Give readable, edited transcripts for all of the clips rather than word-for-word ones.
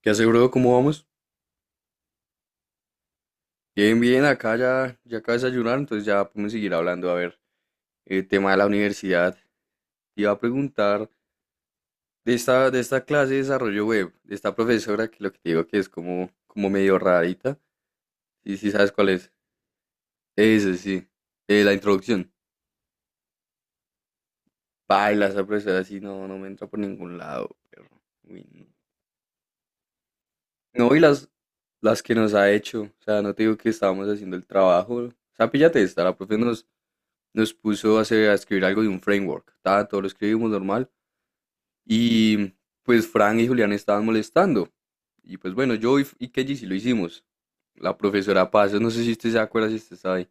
¿Qué hace, bro? ¿Cómo vamos? Bien, bien, acá ya, ya acabo de desayunar, entonces ya podemos seguir hablando. A ver, el tema de la universidad. Te iba a preguntar de esta clase de desarrollo web, de esta profesora que lo que te digo que es como medio rarita. Sí, sí, ¿sabes cuál es? Ese, sí. La introducción. Baila, esa profesora así no, no me entra por ningún lado, perro. Uy, no. No, y las que nos ha hecho. O sea, no te digo que estábamos haciendo el trabajo. O sea, píllate esta, la profe nos puso a escribir algo de un framework. Ta, todo lo escribimos normal. Y pues Fran y Julián estaban molestando. Y pues bueno, yo y Kelly sí lo hicimos. La profesora pasa, no sé si usted se acuerda si usted está ahí.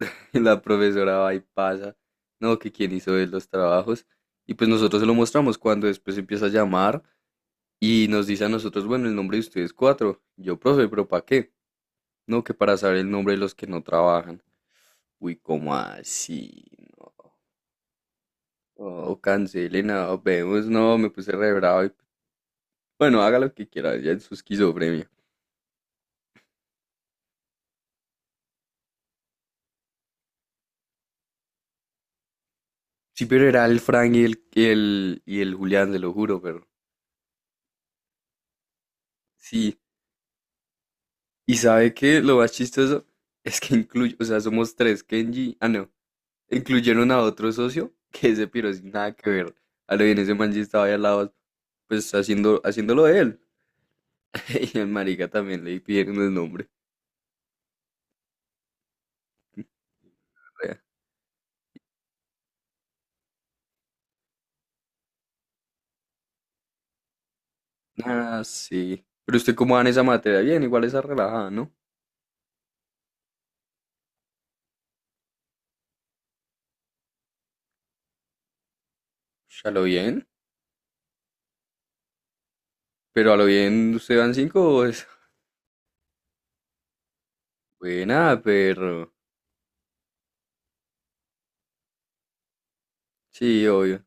La profesora va y pasa. No, que quién hizo de los trabajos. Y pues nosotros se lo mostramos cuando después empieza a llamar y nos dice a nosotros, bueno, el nombre de ustedes cuatro. Yo, profe, pero ¿para qué? No, que para saber el nombre de los que no trabajan. Uy, ¿cómo así? Oh, cancelena, vemos, no, me puse re bravo. Bueno, haga lo que quiera, ya es su esquizofrenia. Sí, pero era el Frank y el Julián, se lo juro, pero sí. ¿Y sabe qué? Lo más chistoso es que incluye, o sea, somos tres, Kenji, ah, no, incluyeron a otro socio que ese piro sin nada que ver. A lo bien, ese man sí estaba ahí al lado, pues haciéndolo de él. Y al marica también le pidieron el nombre. Ah, sí. Pero usted, ¿cómo va en esa materia? Bien, igual esa relajada, ¿no? Ya lo bien. Pero a lo bien, ¿usted van cinco? Es buena, perro. Sí, obvio.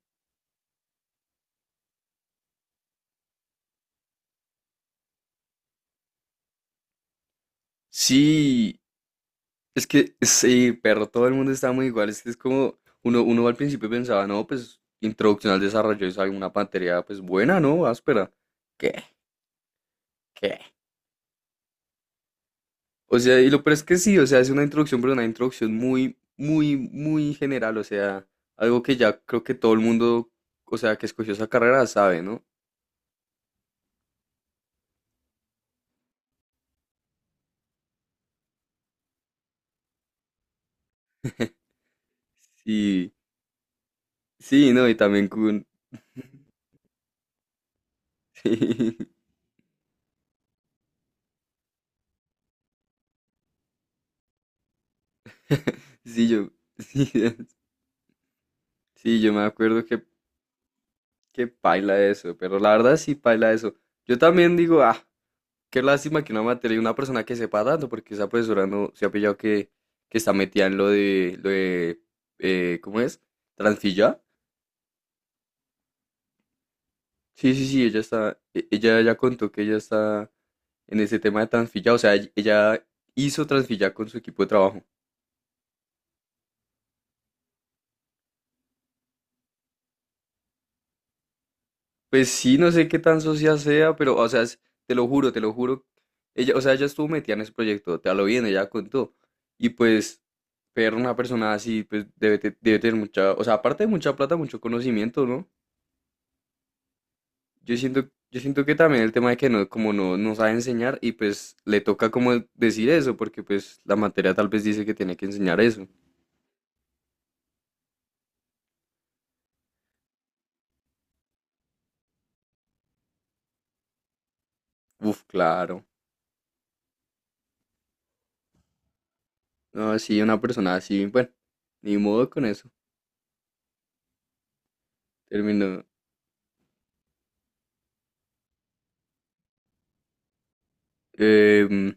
Sí, es que sí, perro, todo el mundo está muy igual. Es que es como uno al principio pensaba, no, pues introducción al desarrollo es alguna materia, pues buena, ¿no? Áspera. ¿Qué? ¿Qué? O sea, y lo peor es que sí, o sea, es una introducción, pero una introducción muy, muy, muy general. O sea, algo que ya creo que todo el mundo, o sea, que escogió esa carrera sabe, ¿no? Sí, sí, no, y también con. Sí, yo, sí, sí, yo me acuerdo que paila eso, pero la verdad sí paila eso. Yo también digo, ah, qué lástima que una materia y una persona que sepa tanto, porque esa profesora no se ha pillado que está metida en lo de, ¿cómo es? ¿Transfilla? Sí, sí, sí, ella está, ella ya contó que ella está en ese tema de transfilla, o sea, ella hizo transfilla con su equipo de trabajo. Pues sí, no sé qué tan socia sea, pero, o sea, te lo juro, te lo juro. Ella, o sea, ella estuvo metida en ese proyecto, te lo bien, ella contó. Y pues, ver una persona así, pues debe tener mucha, o sea, aparte de mucha plata, mucho conocimiento, ¿no? Yo siento, yo siento que también el tema de que no, como no, no sabe enseñar y pues le toca como decir eso, porque pues la materia tal vez dice que tiene que enseñar eso. Uf, claro. No, sí, una persona así, bueno, ni modo con eso. Terminó. em,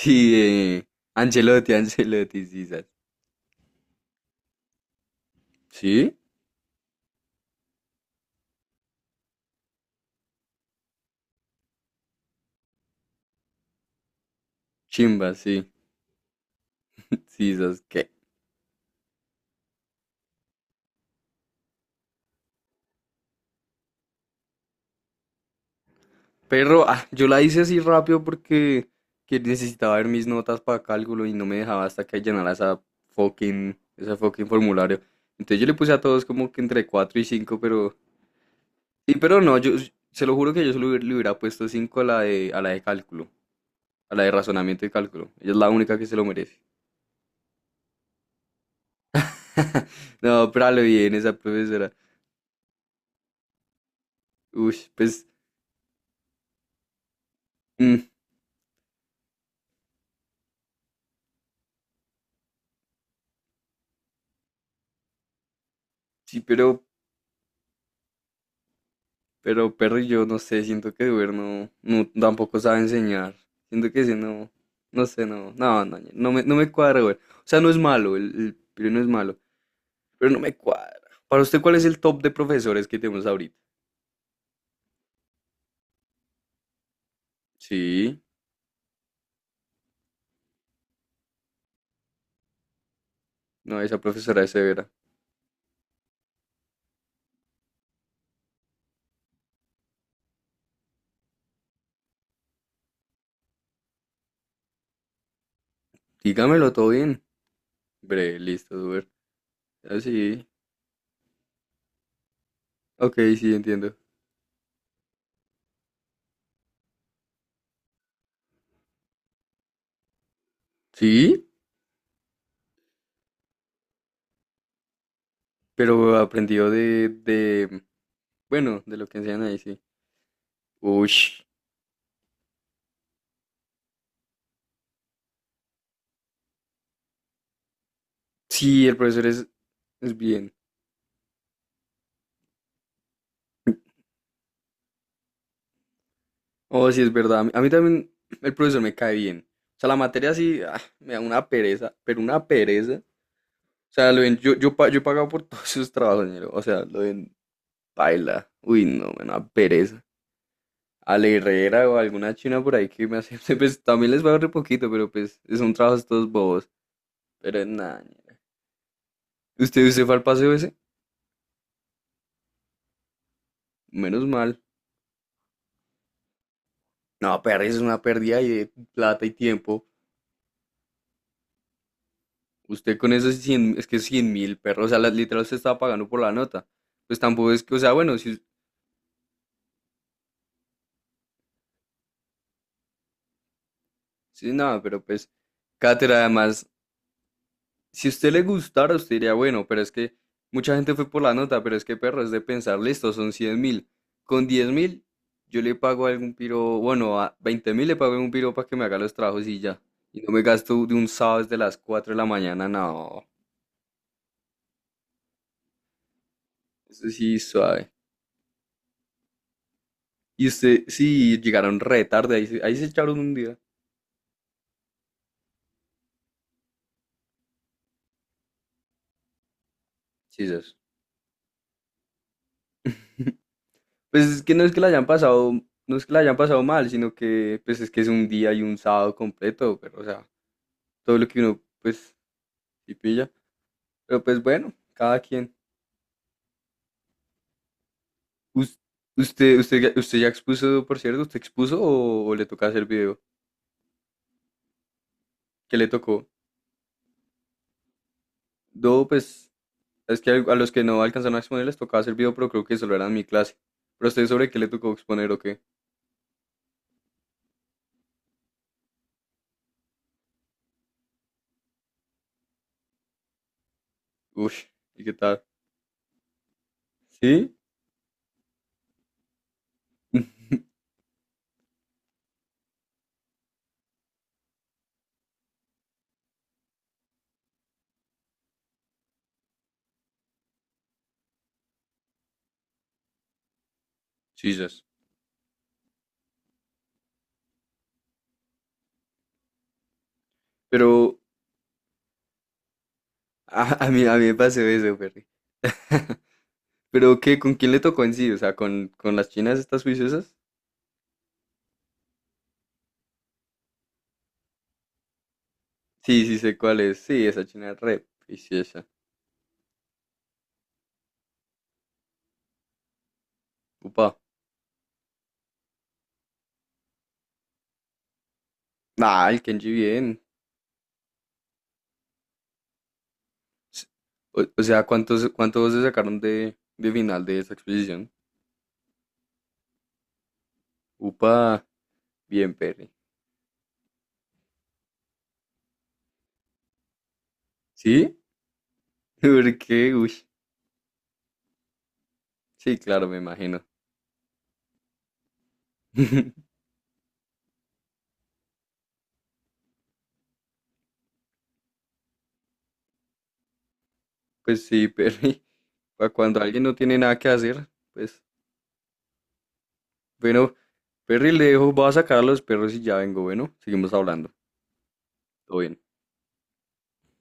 Sí, Ancelotti, Ancelotti, sisas. ¿Sí? Chimba, sí. Sisas, ¿qué? Pero ah, yo la hice así rápido porque que necesitaba ver mis notas para cálculo y no me dejaba hasta que llenara esa fucking, ese fucking formulario. Entonces yo le puse a todos como que entre 4 y cinco, pero. Sí, pero no, yo se lo juro que yo solo le hubiera puesto 5 a la de cálculo, a la de razonamiento y cálculo. Ella es la única que se lo merece. No, pero a lo bien esa profesora. Uy, pues. mm, sí, pero. Perrillo, no sé, siento que Duer no, no, tampoco sabe enseñar. Siento que ese no, no sé, no me cuadra, Duer. O sea, no es malo, el Piro no es malo, pero no me cuadra. Para usted, ¿cuál es el top de profesores que tenemos ahorita? Sí, no, esa profesora es severa. Dígamelo todo bien. Bre, listo, Duer. Así, ok, sí, entiendo. Sí, pero aprendió de, bueno, de lo que enseñan ahí, sí. Uy, sí, el profesor es bien. Oh, sí, es verdad. A mí también el profesor me cae bien. O sea, la materia sí, ah, me da una pereza, pero una pereza. O sea, lo ven, yo he pagado por todos sus trabajos, ñero. O sea, lo ven, baila. Uy, no, me da una pereza. A la Herrera o a alguna china por ahí que me hace, pues también les pago re poquito, pero pues son trabajos todos bobos. Pero nada, ñero. ¿Usted fue al paseo ese? Menos mal. No, pereza es una pérdida ahí de plata y tiempo. Usted con esos 100 es que 100.000 perros, o sea, literal usted estaba pagando por la nota. Pues tampoco es que, o sea, bueno, si nada, pero pues, cátedra, además, si usted le gustara, usted diría, bueno, pero es que mucha gente fue por la nota, pero es que perro, es de pensar, listo, son 100.000. Con 10.000, yo le pago a algún piro, bueno, a 20.000 le pago a algún piro para que me haga los trabajos y ya. Y no me gasto de un sábado desde las 4 de la mañana, no, eso sí, suave. Y usted, sí, llegaron re tarde, ahí, ahí se echaron un día. Sí, eso. Pues es que no es que la hayan pasado, no es que la hayan pasado mal, sino que pues es que es un día y un sábado completo, pero o sea, todo lo que uno pues sí pilla. Pero pues bueno, cada quien. Us- usted ya expuso, por cierto, ¿usted expuso o le toca hacer video? ¿Qué le tocó? No, pues es que a los que no alcanzaron a exponer les tocaba hacer video, pero creo que solo eran mi clase. Pero a usted, ¿sobre qué le tocó exponer o qué? Uy, ¿y qué tal? ¿Sí? Jesus. Pero a mí me pasó eso, Perry. ¿Pero qué? ¿Con quién le tocó en sí? O sea, con las chinas estas juiciosas? Sí, sí sé cuál es. Sí, esa china es re juiciosa. Upa. Ah, el Kenji bien. S- o sea, ¿cuántos se sacaron de final de esa exposición? Upa, bien, Perry. ¿Sí? ¿Por qué? Uy. Sí, claro, me imagino. Pues sí, Perry. Para cuando alguien no tiene nada que hacer, pues. Bueno, Perry, le dejo, voy a sacar a los perros y ya vengo. Bueno, seguimos hablando. Todo bien.